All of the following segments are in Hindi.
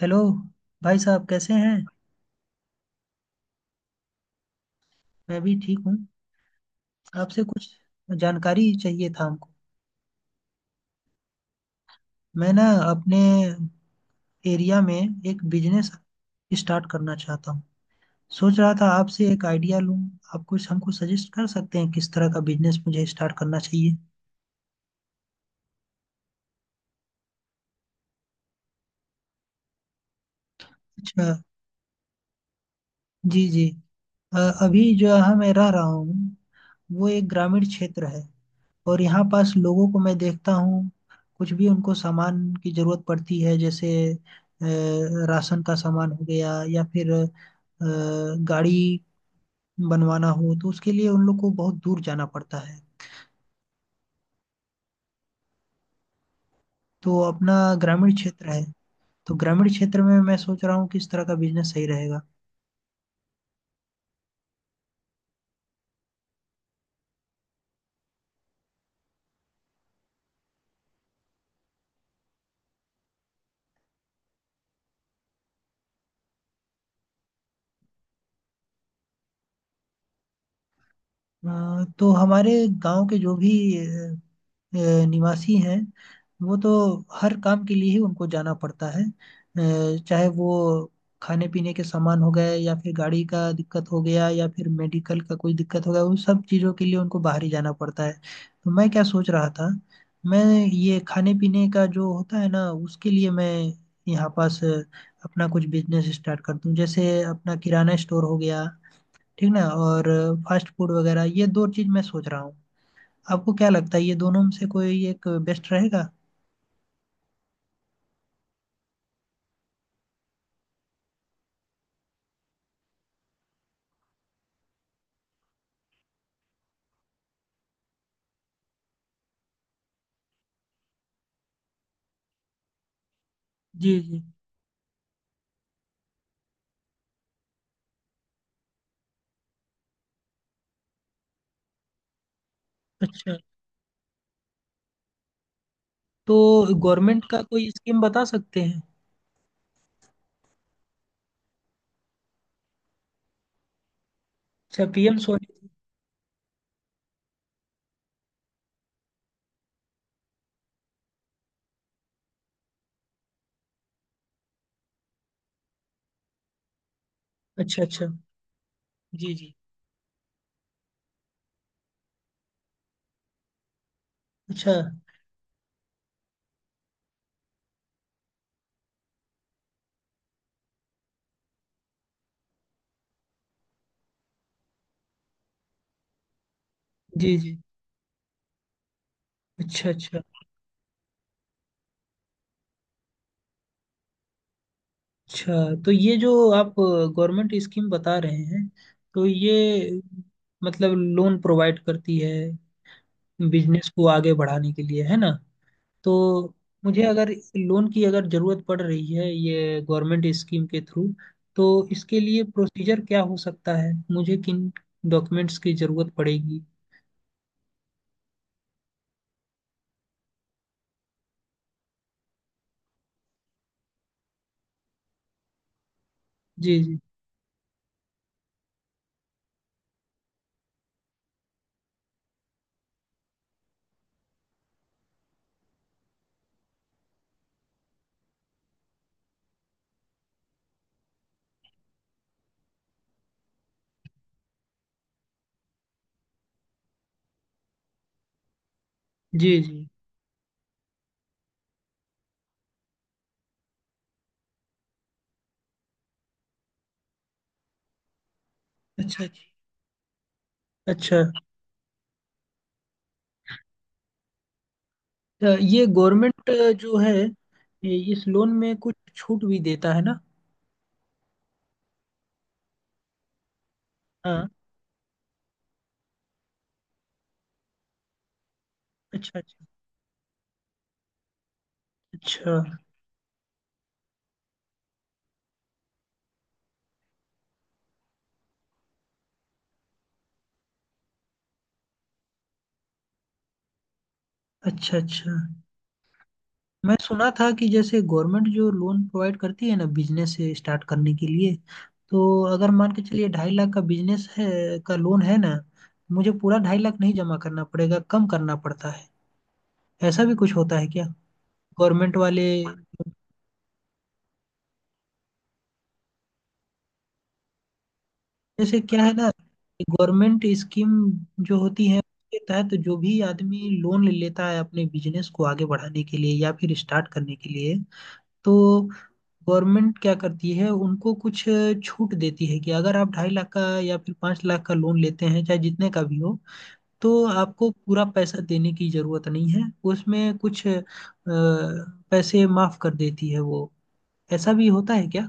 हेलो। भाई साहब कैसे हैं? मैं भी ठीक हूँ। आपसे कुछ जानकारी चाहिए था हमको। मैं ना अपने एरिया में एक बिजनेस स्टार्ट करना चाहता हूँ। सोच रहा था आपसे एक आइडिया लूँ। आप कुछ हमको सजेस्ट कर सकते हैं किस तरह का बिजनेस मुझे स्टार्ट करना चाहिए? अच्छा। जी जी। अ, अभी जो यहाँ मैं रह रहा हूँ वो एक ग्रामीण क्षेत्र है। और यहाँ पास लोगों को मैं देखता हूँ, कुछ भी उनको सामान की जरूरत पड़ती है, जैसे राशन का सामान हो गया या फिर गाड़ी बनवाना हो तो उसके लिए उन लोग को बहुत दूर जाना पड़ता है। तो अपना ग्रामीण क्षेत्र है। तो ग्रामीण क्षेत्र में मैं सोच रहा हूँ किस तरह का बिजनेस सही रहेगा? तो हमारे गांव के जो भी अ, निवासी हैं वो तो हर काम के लिए ही उनको जाना पड़ता है, चाहे वो खाने पीने के सामान हो गए या फिर गाड़ी का दिक्कत हो गया या फिर मेडिकल का कोई दिक्कत हो गया, उन सब चीज़ों के लिए उनको बाहर ही जाना पड़ता है। तो मैं क्या सोच रहा था, मैं ये खाने पीने का जो होता है ना उसके लिए मैं यहाँ पास अपना कुछ बिजनेस स्टार्ट कर दूं, जैसे अपना किराना स्टोर हो गया, ठीक ना, और फास्ट फूड वगैरह, ये दो चीज मैं सोच रहा हूँ। आपको क्या लगता है ये दोनों में से कोई एक बेस्ट रहेगा? जी जी। अच्छा, तो गवर्नमेंट का कोई स्कीम बता सकते हैं? अच्छा, पीएम स्वनिधि। अच्छा अच्छा। जी जी। अच्छा। जी जी। अच्छा अच्छा। अच्छा, तो ये जो आप गवर्नमेंट स्कीम बता रहे हैं तो ये मतलब लोन प्रोवाइड करती है बिजनेस को आगे बढ़ाने के लिए, है ना? तो मुझे अगर लोन की अगर जरूरत पड़ रही है ये गवर्नमेंट स्कीम के थ्रू, तो इसके लिए प्रोसीजर क्या हो सकता है, मुझे किन डॉक्यूमेंट्स की जरूरत पड़ेगी? जी जी। जी जी। अच्छा। जी। अच्छा। ये गवर्नमेंट जो है इस लोन में कुछ छूट भी देता है ना? हाँ। अच्छा अच्छा। अच्छा अच्छा। अच्छा। मैं सुना था कि जैसे गवर्नमेंट जो लोन प्रोवाइड करती है ना बिजनेस स्टार्ट करने के लिए, तो अगर मान के चलिए 2.5 लाख का बिजनेस है, का लोन है ना, मुझे पूरा 2.5 लाख नहीं जमा करना पड़ेगा, कम करना पड़ता है? ऐसा भी कुछ होता है क्या गवर्नमेंट वाले? जैसे क्या है ना, गवर्नमेंट स्कीम जो होती है उसके तहत जो भी आदमी लोन ले लेता है अपने बिजनेस को आगे बढ़ाने के लिए या फिर स्टार्ट करने के लिए, तो गवर्नमेंट क्या करती है उनको कुछ छूट देती है कि अगर आप 2.5 लाख का या फिर 5 लाख का लोन लेते हैं, चाहे जितने का भी हो, तो आपको पूरा पैसा देने की जरूरत नहीं है, उसमें कुछ पैसे माफ कर देती है वो। ऐसा भी होता है क्या?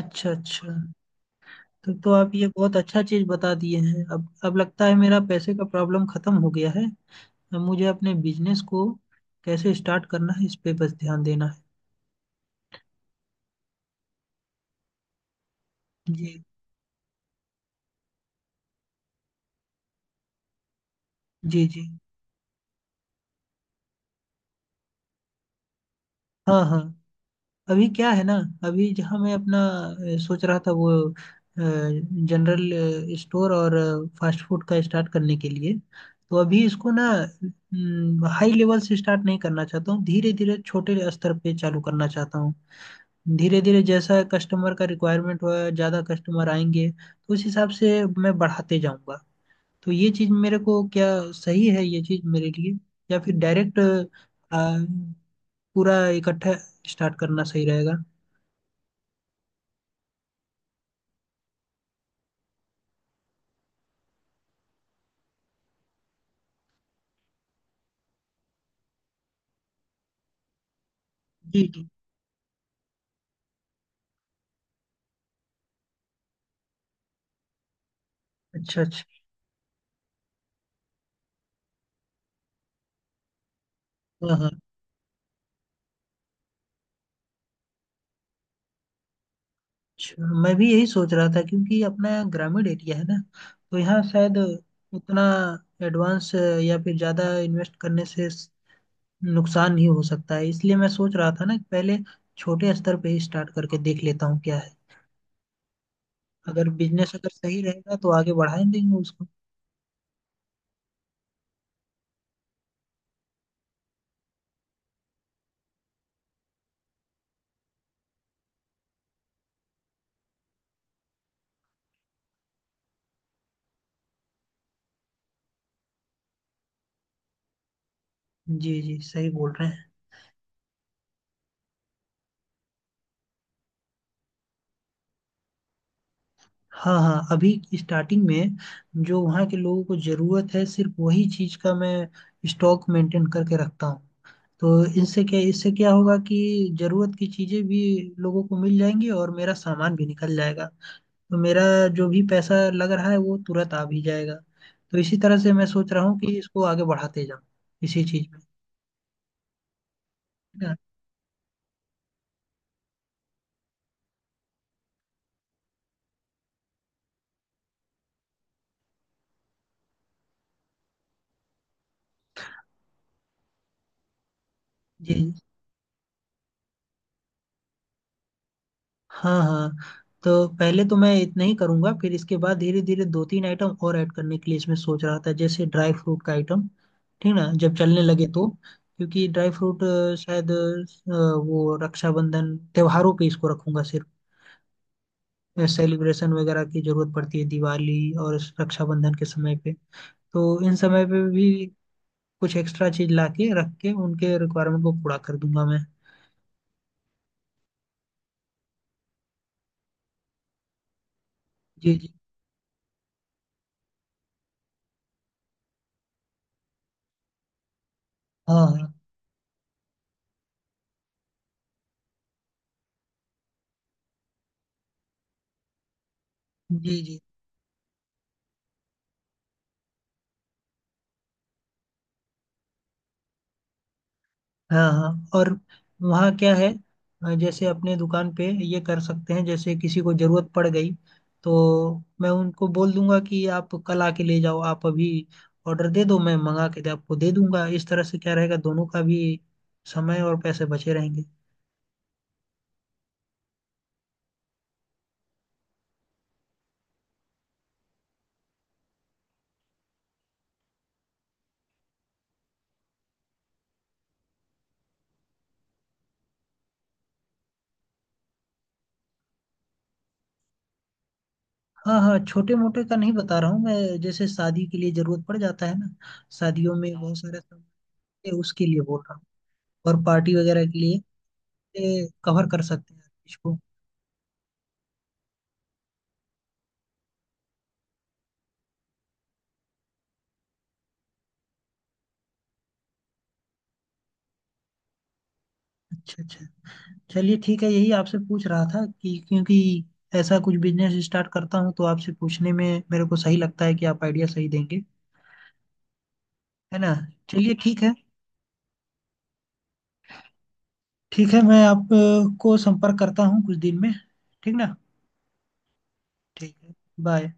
अच्छा अच्छा। तो आप ये बहुत अच्छा चीज बता दिए हैं। अब लगता है मेरा पैसे का प्रॉब्लम खत्म हो गया है। अब मुझे अपने बिजनेस को कैसे स्टार्ट करना है, इस पे बस ध्यान देना है। जी। जी जी। हाँ हाँ। अभी क्या है ना, अभी जहाँ मैं अपना सोच रहा था, वो जनरल स्टोर और फास्ट फूड का स्टार्ट करने के लिए। तो अभी इसको ना हाई लेवल से स्टार्ट नहीं करना चाहता हूँ, धीरे धीरे छोटे स्तर पे चालू करना चाहता हूँ। धीरे धीरे जैसा कस्टमर का रिक्वायरमेंट हुआ, ज़्यादा कस्टमर आएंगे तो उस हिसाब से मैं बढ़ाते जाऊँगा। तो ये चीज़ मेरे को क्या, सही है ये चीज़ मेरे लिए, या फिर डायरेक्ट पूरा इकट्ठा स्टार्ट करना सही रहेगा? जी। अच्छा अच्छा। हाँ हाँ। अच्छा, मैं भी यही सोच रहा था, क्योंकि अपना ग्रामीण एरिया है ना। तो यहाँ शायद उतना एडवांस या फिर ज़्यादा इन्वेस्ट करने से नुकसान नहीं हो सकता है, इसलिए मैं सोच रहा था ना कि पहले छोटे स्तर पे ही स्टार्ट करके देख लेता हूँ क्या है। अगर बिजनेस अगर सही रहेगा तो आगे बढ़ा ही देंगे उसको। जी जी सही बोल रहे हैं। हाँ हाँ। अभी स्टार्टिंग में जो वहाँ के लोगों को ज़रूरत है सिर्फ वही चीज़ का मैं स्टॉक मेंटेन करके रखता हूँ। तो इनसे क्या इससे क्या होगा कि जरूरत की चीजें भी लोगों को मिल जाएंगी और मेरा सामान भी निकल जाएगा। तो मेरा जो भी पैसा लग रहा है वो तुरंत आ भी जाएगा। तो इसी तरह से मैं सोच रहा हूँ कि इसको आगे बढ़ाते जाऊँ इसी चीज में, है ना? जी। हाँ हाँ। तो पहले तो मैं इतना ही करूंगा, फिर इसके बाद धीरे धीरे दो तीन आइटम और ऐड करने के लिए इसमें सोच रहा था, जैसे ड्राई फ्रूट का आइटम। ठीक ना, जब चलने लगे तो। क्योंकि ड्राई फ्रूट शायद वो रक्षाबंधन त्योहारों पे इसको रखूंगा सिर्फ, सेलिब्रेशन वगैरह की जरूरत पड़ती है दिवाली और रक्षाबंधन के समय पे, तो इन समय पे भी कुछ एक्स्ट्रा चीज ला के रख के उनके रिक्वायरमेंट को पूरा कर दूंगा मैं। जी जी। हाँ हाँ। जी जी। हाँ हाँ। और वहाँ क्या है, जैसे अपने दुकान पे ये कर सकते हैं, जैसे किसी को जरूरत पड़ गई तो मैं उनको बोल दूंगा कि आप कल आके ले जाओ, आप अभी ऑर्डर दे दो, मैं मंगा के दे आपको दे दूंगा, इस तरह से क्या रहेगा दोनों का भी समय और पैसे बचे रहेंगे। हाँ हाँ। छोटे मोटे का नहीं बता रहा हूँ मैं, जैसे शादी के लिए जरूरत पड़ जाता है ना, शादियों में बहुत सारे सामान होते हैं, उसके लिए बोल रहा हूँ, और पार्टी वगैरह के लिए कवर कर सकते हैं इसको। अच्छा अच्छा। चलिए ठीक है, यही आपसे पूछ रहा था, कि क्योंकि ऐसा कुछ बिजनेस स्टार्ट करता हूँ तो आपसे पूछने में मेरे को सही लगता है कि आप आइडिया सही देंगे, है ना? चलिए ठीक है। ठीक है, मैं आपको संपर्क करता हूँ कुछ दिन में, ठीक ना? ठीक है। बाय।